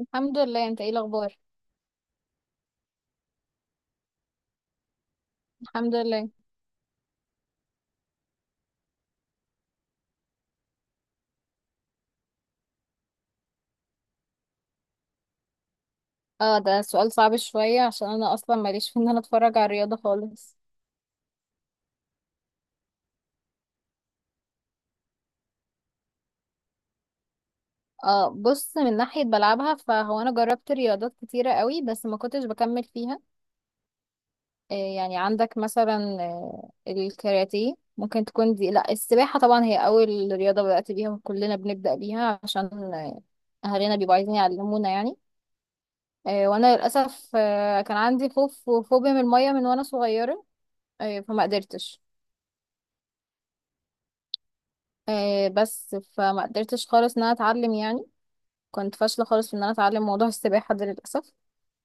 الحمد لله. انت ايه الاخبار؟ الحمد لله. اه، ده سؤال صعب شوية عشان انا اصلا ماليش في ان انا اتفرج على الرياضة خالص. اه، بص، من ناحية بلعبها فهو انا جربت رياضات كتيرة قوي بس ما كنتش بكمل فيها. آه، يعني عندك مثلا الكاراتيه ممكن تكون دي. لا، السباحة طبعا هي اول رياضة بدأت بيها وكلنا بنبدأ بيها عشان آه، اهالينا بيبقوا عايزين يعلمونا يعني. آه، وانا للأسف كان عندي خوف وفوبيا من المية وانا صغيرة. آه، فما قدرتش. بس فما قدرتش خالص ان انا اتعلم يعني. كنت فاشله خالص في ان انا اتعلم موضوع السباحه ده للاسف.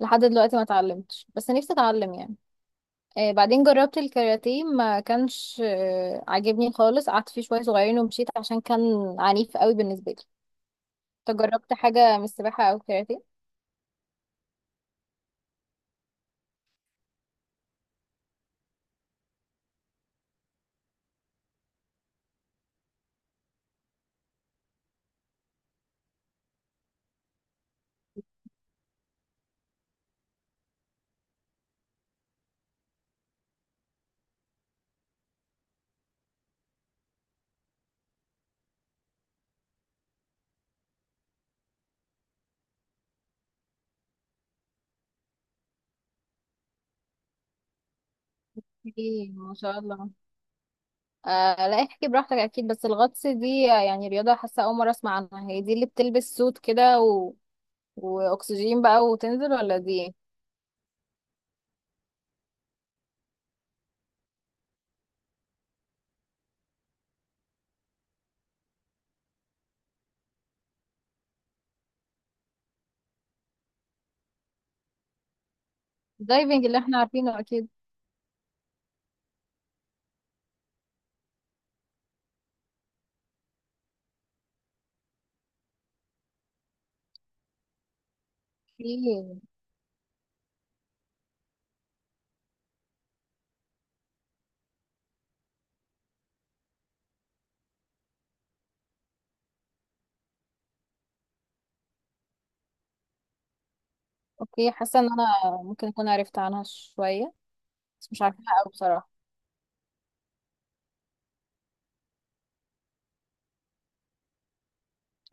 لحد دلوقتي ما اتعلمتش بس نفسي اتعلم يعني. آه، بعدين جربت الكاراتيه ما كانش عاجبني خالص. قعدت فيه شويه صغيرين ومشيت عشان كان عنيف قوي بالنسبه لي. انت جربت حاجه من السباحه او الكاراتيه؟ ايه، ما شاء الله. آه، لا، احكي براحتك اكيد. بس الغطس دي يعني رياضه، حاسه اول مره اسمع عنها. هي دي اللي بتلبس سوت كده واكسجين بقى وتنزل، ولا دي الدايفنج اللي احنا عارفينه اكيد؟ في. اوكي، حاسه ان انا ممكن اكون عرفت عنها شويه، بس مش عارفاها قوي بصراحه.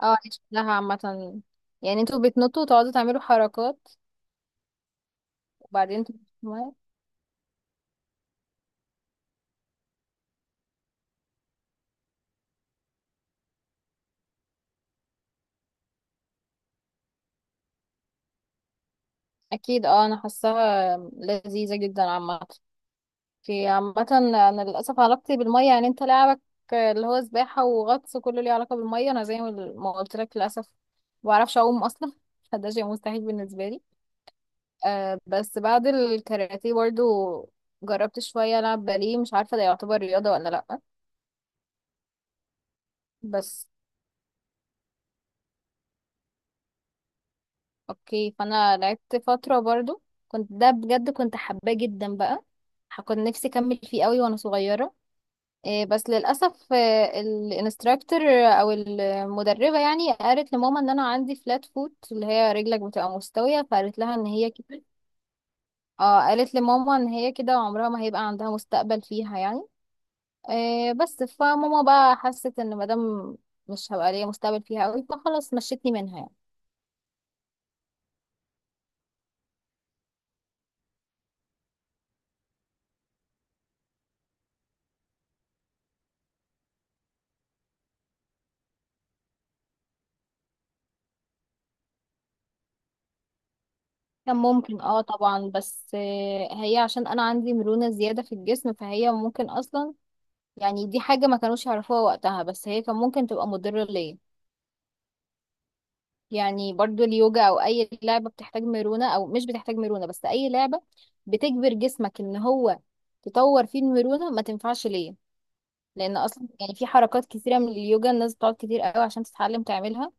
اه، دي شكلها عامه، يعني انتوا بتنطوا وتقعدوا تعملوا حركات وبعدين تنطوا في المية. اكيد. اه، انا حاساها لذيذه جدا عامه. في عامه انا للاسف علاقتي بالميه، يعني انت لعبك اللي هو سباحه وغطس كله ليه علاقه بالميه. انا زي ما قلت لك، للاسف ما بعرفش اعوم اصلا، فده شيء مستحيل بالنسبه لي. آه، بس بعد الكاراتيه برضو جربت شوية ألعب باليه، مش عارفة ده يعتبر رياضة ولا لأ. بس أوكي، فأنا لعبت فترة برضو، كنت ده بجد كنت حباه جدا بقى. كنت نفسي أكمل فيه قوي وأنا صغيرة. آه، بس للأسف الانستراكتور أو المدربة يعني قالت لماما إن أنا عندي فلات فوت، اللي هي رجلك بتبقى مستوية، فقالت لها إن هي كده. اه، قالت لماما إن هي كده عمرها ما هيبقى عندها مستقبل فيها يعني. آه، بس فماما بقى حست ان مادام مش هبقى ليا مستقبل فيها قوي فخلاص مشيتني منها يعني. كان ممكن، اه طبعا. بس هي عشان انا عندي مرونة زيادة في الجسم فهي ممكن اصلا، يعني دي حاجة ما كانوش يعرفوها وقتها، بس هي كان ممكن تبقى مضرة ليا. يعني برضو اليوجا او اي لعبة بتحتاج مرونة او مش بتحتاج مرونة، بس اي لعبة بتجبر جسمك ان هو تطور فيه المرونة ما تنفعش ليا. لان اصلا يعني في حركات كتيرة من اليوجا الناس بتقعد كتير قوي عشان تتعلم تعملها،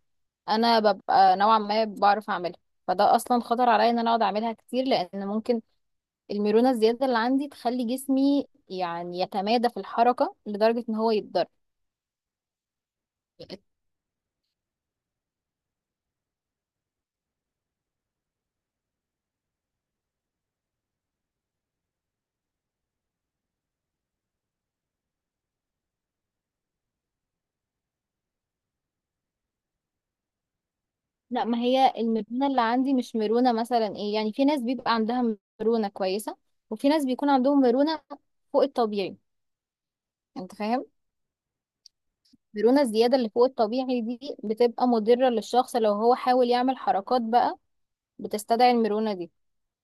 انا ببقى نوعا ما بعرف اعملها، فده اصلا خطر عليا ان انا اقعد اعملها كتير لان ممكن الميرونه الزياده اللي عندي تخلي جسمي يعني يتمادى في الحركه لدرجه ان هو يتضر. لا، ما هي الميرونه اللي عندي مش ميرونه مثلا، ايه يعني، في ناس بيبقى عندها ميرونه كويسه، وفي ناس بيكون عندهم ميرونه فوق الطبيعي. انت فاهم؟ الميرونه الزياده اللي فوق الطبيعي دي بتبقى مضره للشخص لو هو حاول يعمل حركات بقى بتستدعي الميرونه دي.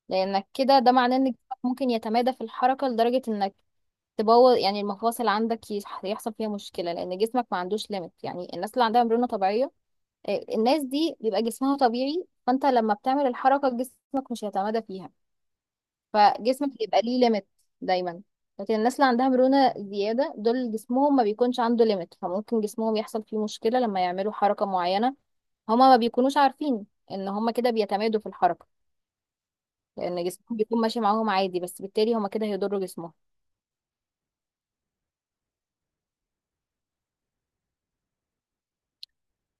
لانك كده ده معناه ان جسمك ممكن يتمادى في الحركه لدرجه انك تبوظ، يعني المفاصل عندك يحصل فيها مشكله لان جسمك ما عندوش ليميت. يعني الناس اللي عندها مرونه طبيعيه، الناس دي بيبقى جسمها طبيعي، فانت لما بتعمل الحركه جسمك مش هيتمادى فيها، فجسمك بيبقى ليه ليميت دايما. لكن الناس اللي عندها مرونه زياده دول جسمهم ما بيكونش عنده ليميت، فممكن جسمهم يحصل فيه مشكله لما يعملوا حركه معينه. هما ما بيكونوش عارفين ان هما كده بيتمادوا في الحركه، لان جسمهم بيكون ماشي معاهم عادي، بس بالتالي هما كده هيضروا جسمهم.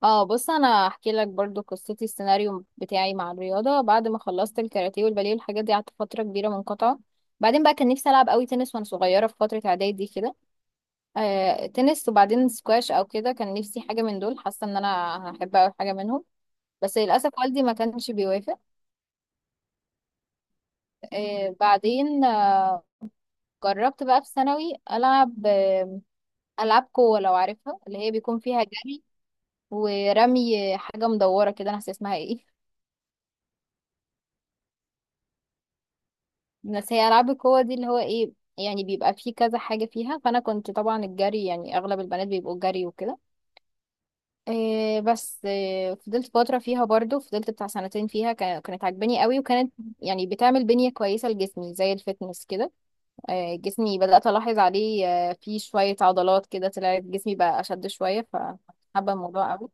اه، بص، انا هحكي لك برضو قصتي، السيناريو بتاعي مع الرياضه. بعد ما خلصت الكاراتيه والباليه والحاجات دي قعدت فتره كبيره منقطعه. بعدين بقى كان نفسي العب قوي تنس وانا صغيره في فتره اعدادي كده. آه، تنس وبعدين سكواش او كده، كان نفسي حاجه من دول، حاسه ان انا هحب قوي حاجه منهم. بس للاسف والدي ما كانش بيوافق. بعدين جربت بقى في ثانوي العب العاب قوه، لو عارفها، اللي هي بيكون فيها جري ورمي حاجة مدورة كده، انا ناسية اسمها ايه. بس هي ألعاب القوة دي اللي هو ايه، يعني بيبقى فيه كذا حاجة فيها، فأنا كنت طبعا الجري، يعني أغلب البنات بيبقوا الجري وكده. إيه بس إيه، فضلت فترة فيها برضو، فضلت بتاع سنتين فيها كانت عاجباني قوي، وكانت يعني بتعمل بنية كويسة لجسمي زي الفتنس كده. إيه، جسمي بدأت ألاحظ عليه فيه شوية عضلات كده، طلعت جسمي بقى أشد شوية، فحابة الموضوع قوي.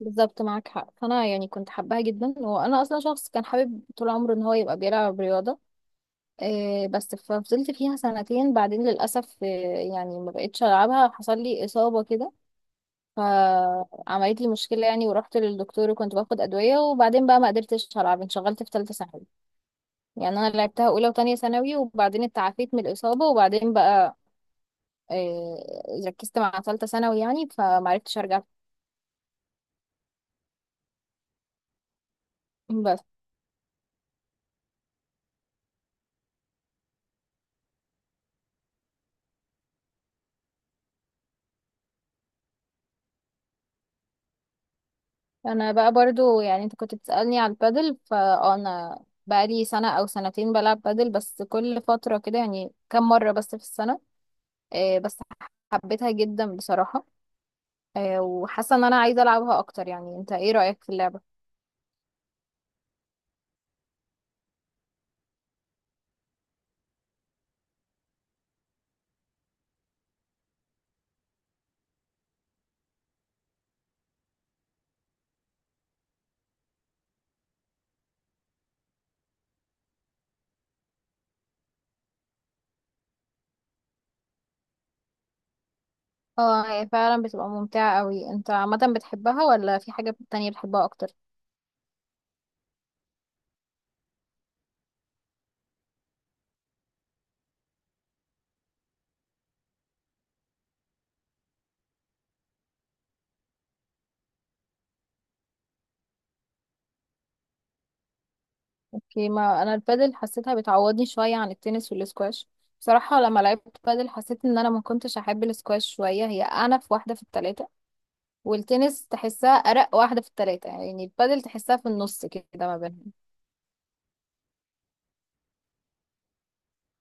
بالظبط، معاك حق. فانا يعني كنت حباها جدا، وانا اصلا شخص كان حابب طول عمره ان هو يبقى بيلعب رياضه. إيه بس ففضلت فيها سنتين، بعدين للاسف إيه، يعني ما بقتش العبها، حصل لي اصابه كده فعملت لي مشكله يعني، ورحت للدكتور وكنت باخد ادويه، وبعدين بقى ما قدرتش العب، انشغلت في ثالثه ثانوي. يعني انا لعبتها اولى وتانية ثانوي، وبعدين اتعافيت من الاصابه، وبعدين بقى إيه ركزت مع ثالثه ثانوي يعني فمعرفتش ارجع. بس انا بقى برضو، يعني انت كنت بتسألني على البادل، فانا بقى لي سنة او سنتين بلعب بادل، بس كل فترة كده يعني، كم مرة بس في السنة. بس حبيتها جدا بصراحة. وحاسة ان انا عايزة العبها اكتر، يعني انت ايه رأيك في اللعبة؟ اه، هي فعلا بتبقى ممتعة قوي. انت عامة بتحبها، ولا في حاجة تانية بتحبها اكتر؟ اوكي، ما انا البادل حسيتها بتعوضني شوية عن التنس والسكواش. بصراحة لما لعبت بادل حسيت ان انا ما كنتش احب السكواش شوية، هي اعنف واحدة في التلاتة، والتنس تحسها أرق واحدة في التلاتة، يعني البادل تحسها في النص كده ما بينهم.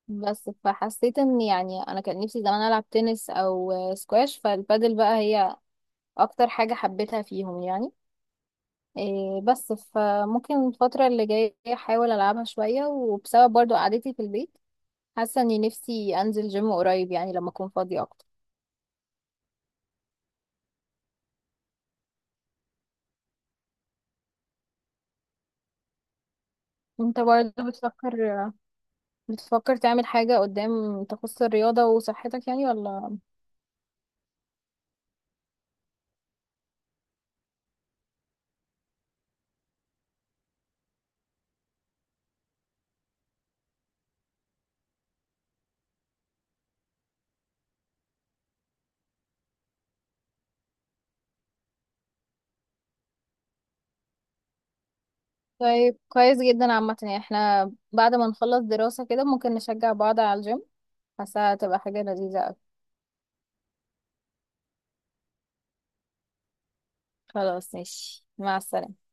بس فحسيت ان يعني انا كان نفسي زمان العب تنس او سكواش، فالبادل بقى هي اكتر حاجة حبيتها فيهم يعني. إيه بس فممكن الفترة اللي جاية احاول العبها شوية، وبسبب برضو قعدتي في البيت حاسة اني نفسي انزل جيم قريب، يعني لما اكون فاضية اكتر. انت برضو بتفكر تعمل حاجة قدام تخص الرياضة وصحتك يعني، ولا؟ طيب، كويس جدا عامة، يعني احنا بعد ما نخلص دراسة كده ممكن نشجع بعض على الجيم، حاسة هتبقى حاجة لذيذة أوي. خلاص، ماشي، مع السلامة.